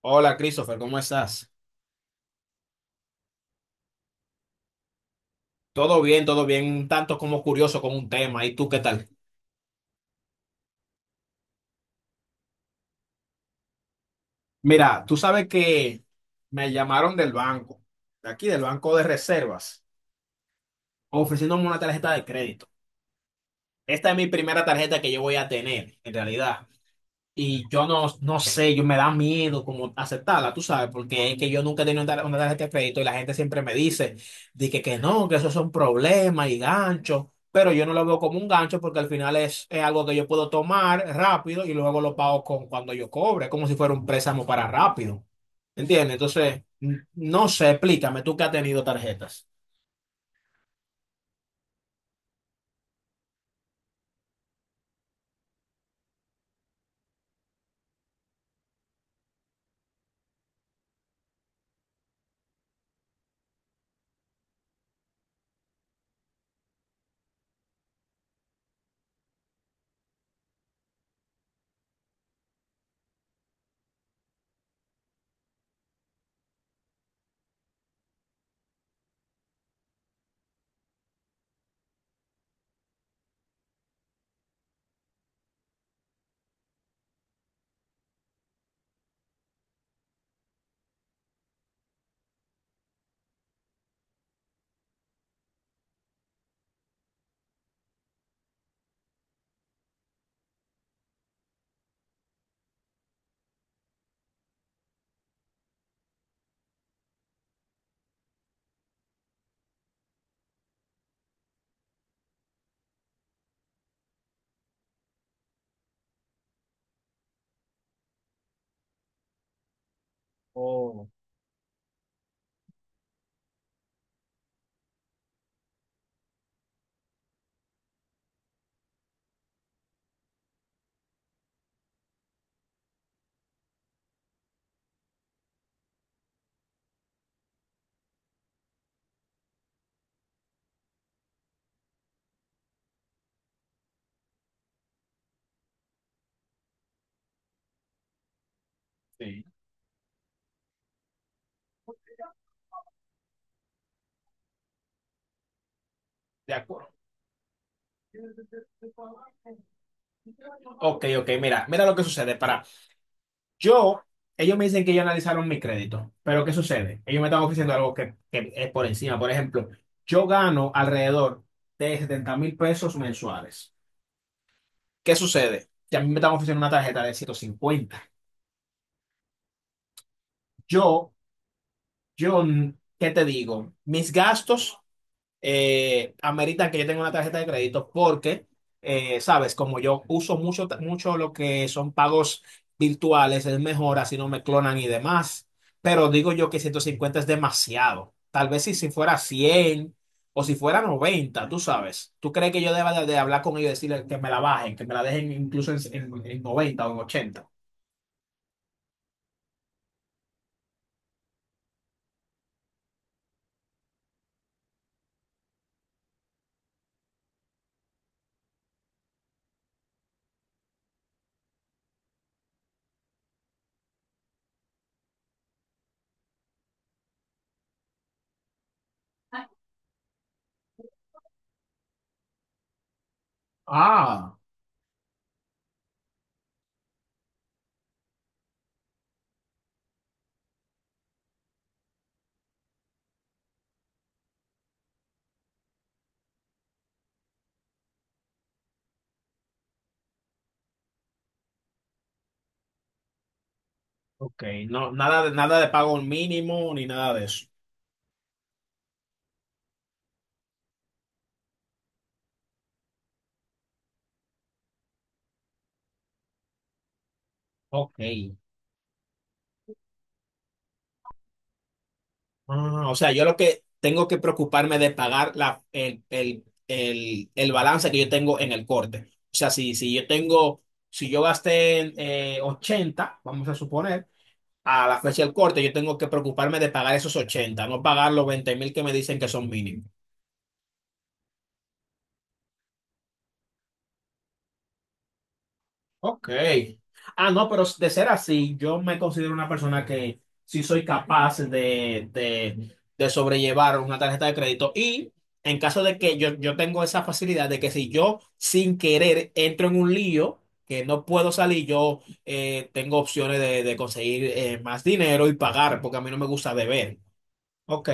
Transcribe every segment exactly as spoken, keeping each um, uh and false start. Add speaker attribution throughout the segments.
Speaker 1: Hola, Christopher, ¿cómo estás? Todo bien, todo bien, un tanto como curioso con un tema. ¿Y tú qué tal? Mira, tú sabes que me llamaron del banco, de aquí del Banco de Reservas, ofreciéndome una tarjeta de crédito. Esta es mi primera tarjeta que yo voy a tener, en realidad. Y yo no, no sé, yo me da miedo como aceptarla, tú sabes, porque es que yo nunca he tenido una tar- una tarjeta de crédito y la gente siempre me dice, de que, que no, que eso son problemas y ganchos, pero yo no lo veo como un gancho porque al final es, es algo que yo puedo tomar rápido y luego lo pago con cuando yo cobre, como si fuera un préstamo para rápido. ¿Entiendes? Entonces, n- no sé, explícame, tú que has tenido tarjetas. Oh, sí. De acuerdo. Ok, ok, mira, mira lo que sucede. Para, Yo, ellos me dicen que ya analizaron mi crédito, pero ¿qué sucede? Ellos me están ofreciendo algo que, que es por encima. Por ejemplo, yo gano alrededor de setenta mil pesos mensuales. ¿Qué sucede? Que a mí me están ofreciendo una tarjeta de ciento cincuenta. Yo, yo, ¿qué te digo? Mis gastos eh, ameritan que yo tenga una tarjeta de crédito porque, eh, sabes, como yo uso mucho, mucho lo que son pagos virtuales, es mejor, así no me clonan y demás. Pero digo yo que ciento cincuenta es demasiado. Tal vez si, si fuera cien o si fuera noventa, tú sabes. ¿Tú crees que yo deba de, de hablar con ellos y decirles que me la bajen, que me la dejen incluso en, en, en noventa o en ochenta? Ah, ok. No, nada de, nada de pago mínimo ni nada de eso. Ok. Ah, o sea, yo lo que tengo que preocuparme de pagar la, el, el, el, el balance que yo tengo en el corte. O sea, si, si yo tengo, si yo gasté eh, ochenta, vamos a suponer, a la fecha del corte, yo tengo que preocuparme de pagar esos ochenta, no pagar los veinte mil que me dicen que son mínimos. Ok. Ah, no, pero de ser así, yo me considero una persona que sí soy capaz de, de, de sobrellevar una tarjeta de crédito. Y en caso de que yo, yo tengo esa facilidad de que si yo sin querer entro en un lío, que no puedo salir, yo eh, tengo opciones de, de conseguir eh, más dinero y pagar, porque a mí no me gusta deber. Ok.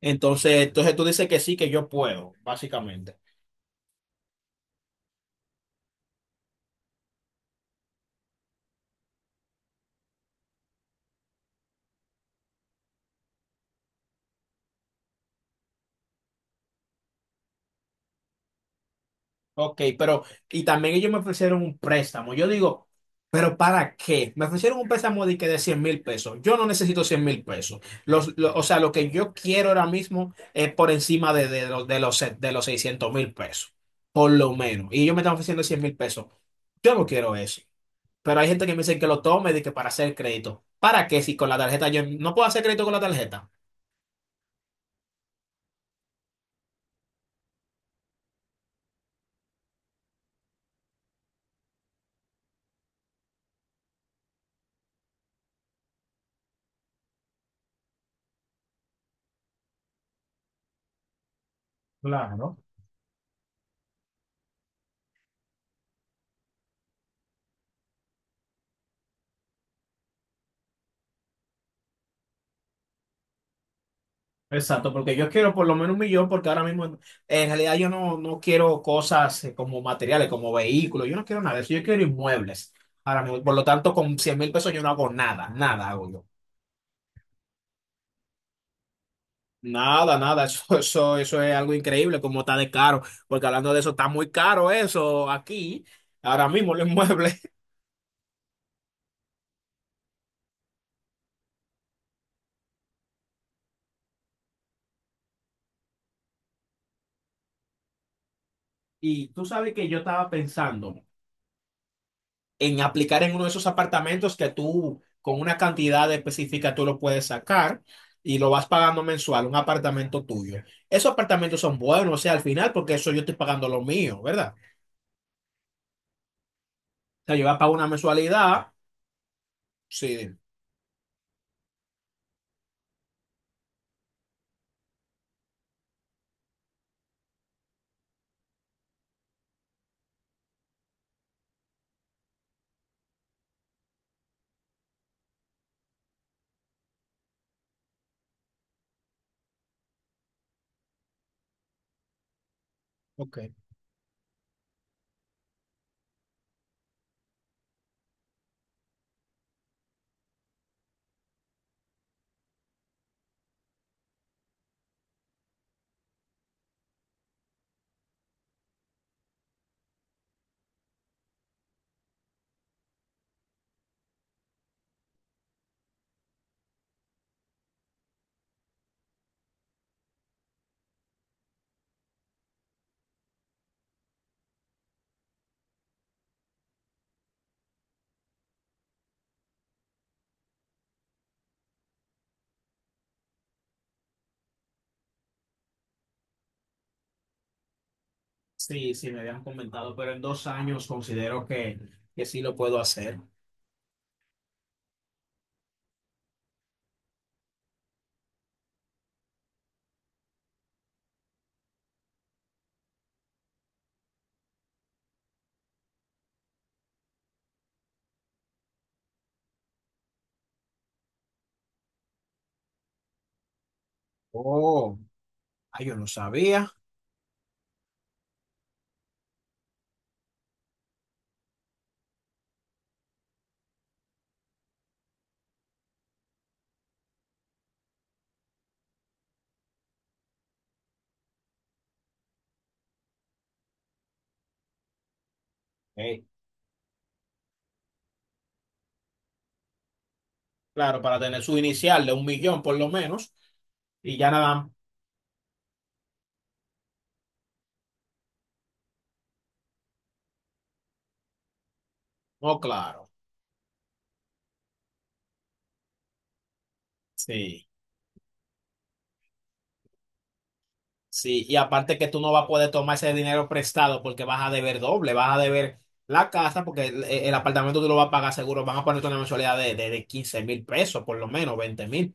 Speaker 1: Entonces, entonces tú dices que sí, que yo puedo, básicamente. Ok, pero, y también ellos me ofrecieron un préstamo. Yo digo, ¿pero para qué? Me ofrecieron un préstamo de que de cien mil pesos. Yo no necesito cien mil pesos. Los, lo- o sea, lo que yo quiero ahora mismo es por encima de, de, los, de los se- de los seiscientos mil pesos, por lo menos. Y ellos me están ofreciendo cien mil pesos. Yo no quiero eso. Pero hay gente que me dice que lo tome de que para hacer crédito. ¿Para qué? Si con la tarjeta yo no puedo hacer crédito con la tarjeta. Claro. Exacto, porque yo quiero por lo menos un millón, porque ahora mismo en en realidad yo no, no quiero cosas eh, como materiales, como vehículos, yo no quiero nada de eso, yo quiero inmuebles. Ahora mismo, por lo tanto, con cien mil pesos yo no hago nada, nada hago yo. Nada, nada, eso, eso, eso es algo increíble, como está de caro, porque hablando de eso, está muy caro eso aquí, ahora mismo los inmuebles. Y tú sabes que yo estaba pensando en aplicar en uno de esos apartamentos que tú con una cantidad específica tú lo puedes sacar y lo vas pagando mensual, un apartamento tuyo. Esos apartamentos son buenos, o sea, al final, porque eso yo estoy pagando lo mío, ¿verdad? O sea, yo voy a pagar una mensualidad, sí. Ok. Sí, sí, me habían comentado, pero en dos años considero que, que, sí lo puedo hacer. Oh. Ay, yo no sabía. Ey. Claro, para tener su inicial de un millón por lo menos. Y ya nada. No, claro. Sí. Sí, y aparte que tú no vas a poder tomar ese dinero prestado porque vas a deber doble, vas a deber la casa porque el, e, el apartamento tú lo vas a pagar seguro, van a ponerte una mensualidad de, de, de quince mil pesos, por lo menos veinte mil.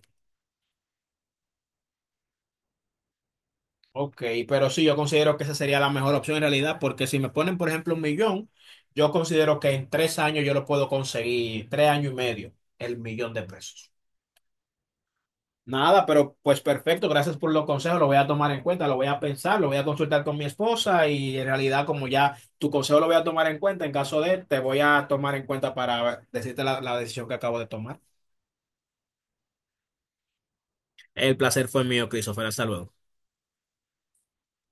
Speaker 1: Ok, pero sí, yo considero que esa sería la mejor opción en realidad porque si me ponen, por ejemplo, un millón, yo considero que en tres años yo lo puedo conseguir, tres años y medio, el millón de pesos. Nada, pero pues perfecto, gracias por los consejos, lo voy a tomar en cuenta, lo voy a pensar, lo voy a consultar con mi esposa y en realidad como ya tu consejo lo voy a tomar en cuenta, en caso de, te voy a tomar en cuenta para decirte la, la decisión que acabo de tomar. El placer fue mío, Christopher, hasta luego.